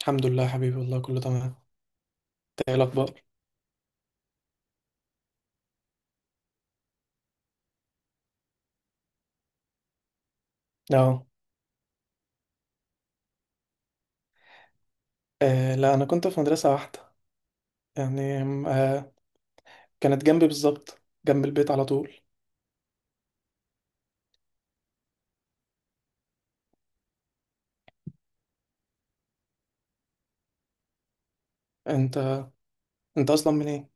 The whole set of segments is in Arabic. الحمد لله يا حبيبي، والله كله تمام. انت ايه الاخبار؟ اه. لا، انا كنت في مدرسه واحده. يعني آه، كانت جنبي بالظبط، جنب البيت على طول. انت انت اصلا منين؟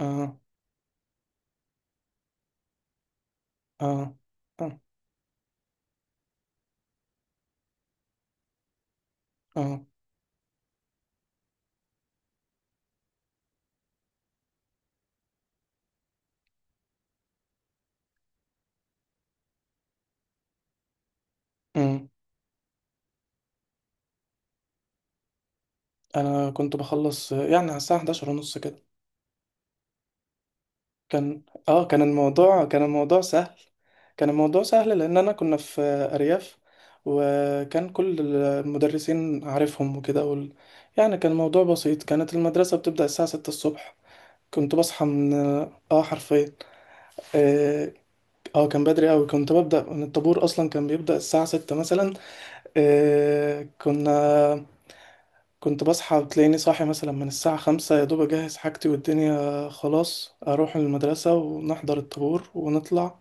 اه، اه، اه، اه. امم انا كنت بخلص، يعني على الساعه 11 ونص كده. كان كان الموضوع سهل. كان الموضوع سهل لان انا كنا في ارياف، وكان كل المدرسين عارفهم وكده، يعني كان الموضوع بسيط. كانت المدرسه بتبدا الساعه 6 الصبح. كنت بصحى من، اه، حرفيا، اه، كان بدري قوي. كنت ببدأ من الطابور اصلا، كان بيبدأ الساعة ستة مثلا. آه كنا كنت بصحى، بتلاقيني صاحي مثلا من الساعة خمسة، يا دوب اجهز حاجتي والدنيا خلاص، اروح المدرسة ونحضر الطابور ونطلع.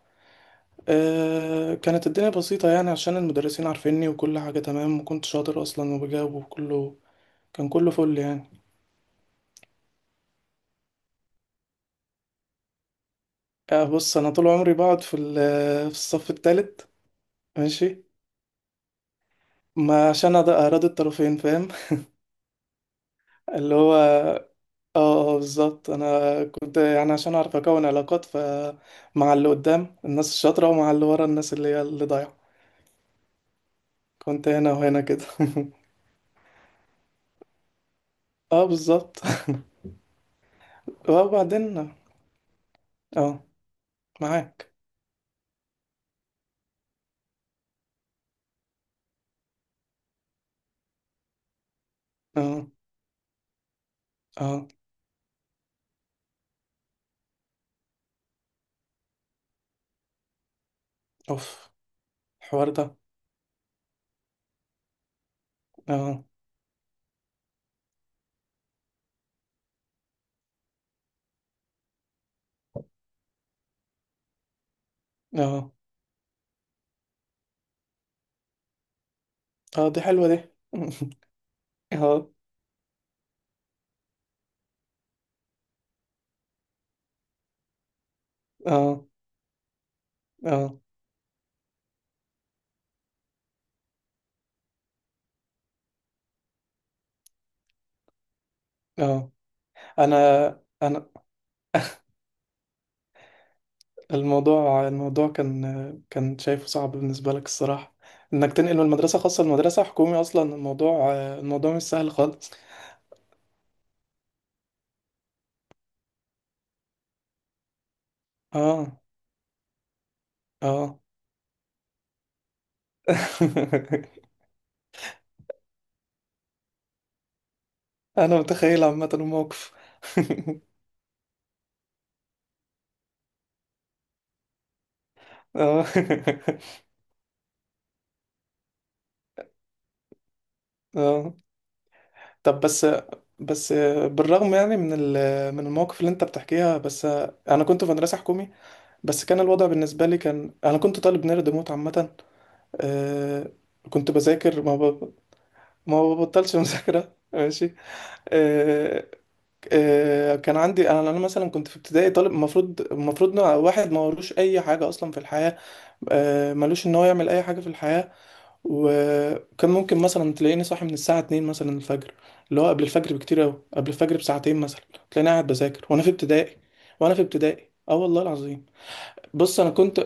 كانت الدنيا بسيطة يعني، عشان المدرسين عارفيني وكل حاجة تمام، وكنت شاطر اصلا وبجاوب وكله. كان كله فل يعني. بص، انا طول عمري بقعد في الصف التالت. ماشي. ما عشان أراضي الطرفين، فاهم؟ اللي هو اه، بالظبط. انا كنت يعني عشان اعرف اكون علاقات، مع اللي قدام الناس الشاطرة، ومع اللي ورا الناس اللي هي اللي ضايعة. كنت هنا وهنا كده اه، بالظبط. وبعدين اه. معاك. اه، اه، اوف. الحوار ده. اه، اه، اه، دي حلوة دي اه، اه، اه، اه. انا انا، الموضوع كان شايفه صعب بالنسبة لك الصراحة، انك تنقل من مدرسة خاصة لمدرسة حكومي. اصلا الموضوع مش سهل خالص. اه، اه. انا متخيل عامة الموقف. اه، اه، طب بس. بس بالرغم يعني من المواقف اللي انت بتحكيها، بس انا كنت في مدرسة حكومي. بس كان الوضع بالنسبة لي، كان انا كنت طالب نيرد موت عامة. آه، كنت بذاكر، ما ببطلش مذاكرة. ماشي. آه، كان عندي، انا مثلا كنت في ابتدائي طالب، المفروض إن واحد ما وروش اي حاجه اصلا في الحياه. ملوش ان هو يعمل اي حاجه في الحياه. وكان ممكن مثلا تلاقيني صاحي من الساعه 2 مثلا الفجر، اللي هو قبل الفجر بكتير قوي، قبل الفجر بساعتين مثلا. تلاقيني قاعد بذاكر وانا في ابتدائي. وانا في ابتدائي، اه، والله العظيم. بص، انا كنت.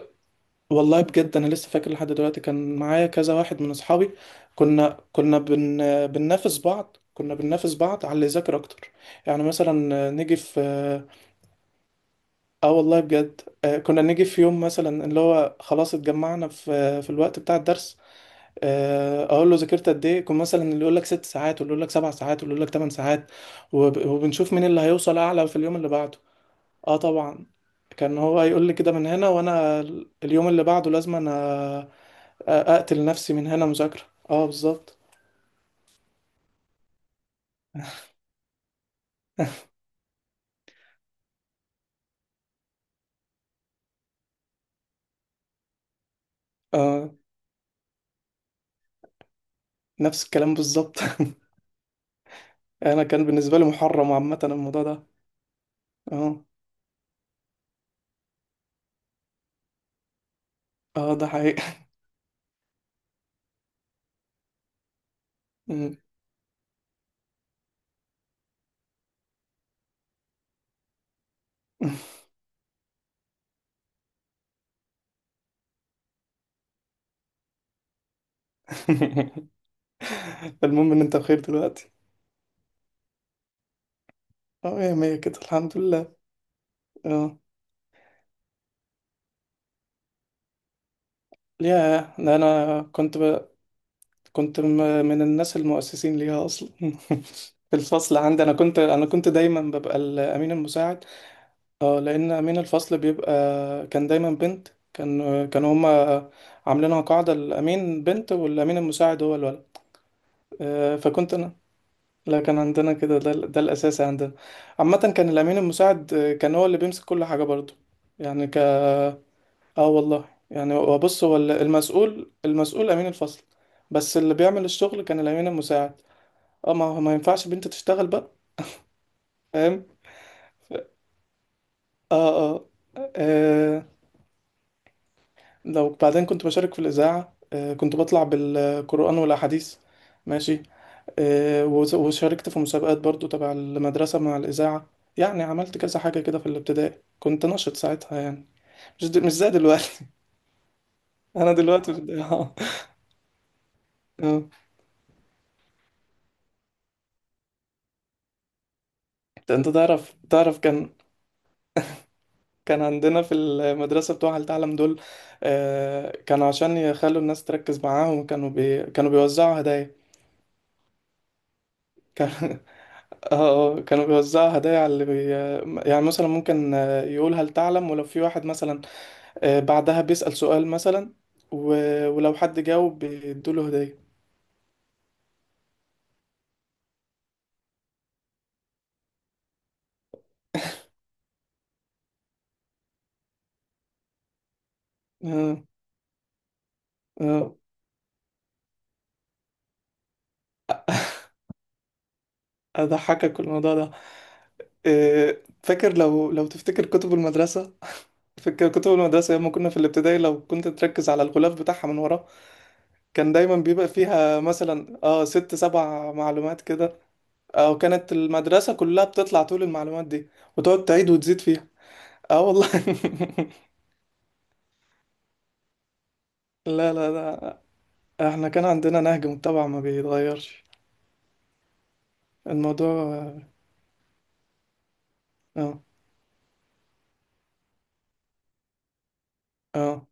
والله بجد انا لسه فاكر لحد دلوقتي، كان معايا كذا واحد من اصحابي. كنا بننافس بعض كنا بننافس بعض على اللي يذاكر اكتر. يعني مثلا نيجي في، اه، والله بجد. كنا نيجي في يوم مثلا، اللي هو خلاص اتجمعنا في في الوقت بتاع الدرس. اقول له ذاكرت قد ايه، يكون مثلا اللي يقول لك ست ساعات، واللي يقول لك سبع ساعات، واللي يقول لك ثمان ساعات. وبنشوف مين اللي هيوصل اعلى في اليوم اللي بعده. اه، طبعا. كان هو يقول لي كده من هنا، وانا اليوم اللي بعده لازم انا اقتل نفسي من هنا مذاكرة. اه، بالظبط. اه، نفس الكلام بالظبط. انا كان بالنسبة لي محرم عامة الموضوع ده. اه، اه، ده حقيقي. مم. المهم ان انت بخير دلوقتي. اه يا مية كده، الحمد لله. اه يا ده، كنت من الناس المؤسسين ليها اصلا في الفصل عندي، انا كنت دايما ببقى الامين المساعد. اه، لان امين الفصل بيبقى كان دايما بنت. كانوا هما عاملينها قاعده، الامين بنت والامين المساعد هو الولد. فكنت انا. لا، كان عندنا كده. ده الاساسي عندنا. عامه كان الامين المساعد كان هو اللي بيمسك كل حاجه برضه. يعني ك اه، والله يعني. وبص، هو المسؤول، امين الفصل، بس اللي بيعمل الشغل كان الامين المساعد. اه ما هو ما ينفعش بنت تشتغل بقى. فاهم. اه، اه. آه، لو بعدين كنت بشارك في الإذاعة، كنت بطلع بالقرآن والأحاديث. ماشي. وشاركت في مسابقات برضو تبع المدرسة مع الإذاعة. يعني عملت كذا حاجة كده في الابتدائي، كنت نشط ساعتها يعني. مش زي دلوقتي. أنا دلوقتي في آه. أنت تعرف كان عندنا في المدرسة بتوع هل تعلم دول. كانوا عشان يخلوا الناس تركز معاهم، كانوا بيوزعوا هدايا. كان اه، كانوا بيوزعوا هدايا على يعني مثلا ممكن يقول هل تعلم، ولو في واحد مثلا بعدها بيسأل سؤال مثلا، و... ولو حد جاوب بيدوله هدية. اه، اه. أضحكك الموضوع ده. آه، فاكر، لو تفتكر كتب المدرسة؟ فاكر كتب المدرسة لما كنا في الابتدائي، لو كنت تركز على الغلاف بتاعها من ورا؟ كان دايما بيبقى فيها مثلا، اه، ست سبع معلومات كده، او كانت المدرسة كلها بتطلع طول المعلومات دي وتقعد تعيد وتزيد فيها. اه، والله. لا، لا، لا، احنا كان عندنا نهج متبع ما بيتغيرش الموضوع. اه، اه. آه.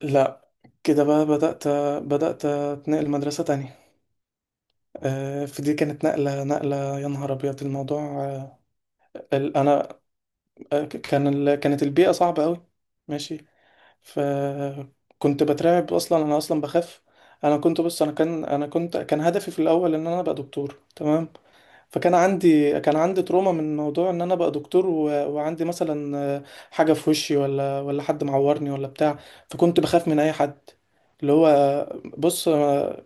لا، كده بقى بدأت اتنقل مدرسة تانية. فدي كانت نقلة، نقلة يا نهار أبيض الموضوع. أنا، كان كانت البيئة صعبة أوي. ماشي. فكنت بترعب أصلا، أنا أصلا بخاف. أنا كنت بص أنا كان أنا كنت كان هدفي في الأول إن أنا أبقى دكتور، تمام. فكان عندي تروما من موضوع ان انا بقى دكتور، وعندي مثلا حاجه في وشي، ولا حد معورني ولا بتاع. فكنت بخاف من اي حد، اللي هو بص، اه،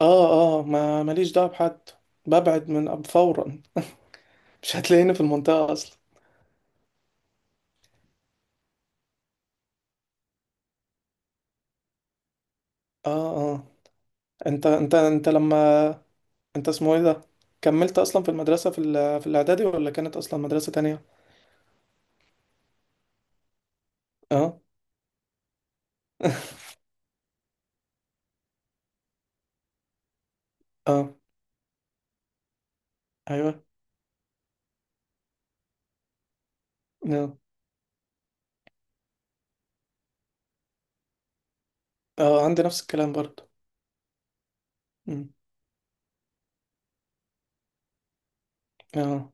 اه. ما ماليش دعوه بحد. ببعد من فورا. مش هتلاقيني في المنطقه اصلا. اه، اه. انت انت انت لما انت اسمه ايه ده، كملت اصلا في المدرسه في الاعدادي، ولا كانت اصلا مدرسه تانية؟ اه اه، ايوه، اه. عندي نفس الكلام برضه. مم. اه،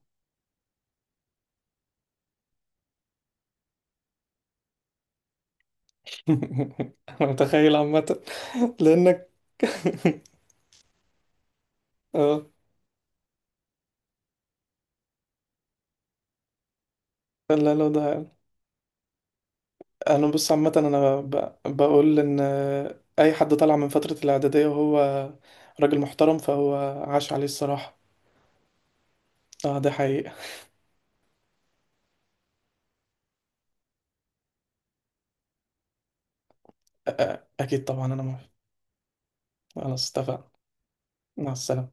انا متخيل عامة. لانك اه، لا، لا، ده. انا بص عامة، بقول ان اي حد طلع من فترة الاعدادية وهو راجل محترم، فهو عاش عليه الصراحة. اه، ده حقيقة. اكيد طبعا، انا موافق. خلاص اتفقنا. مع السلامة.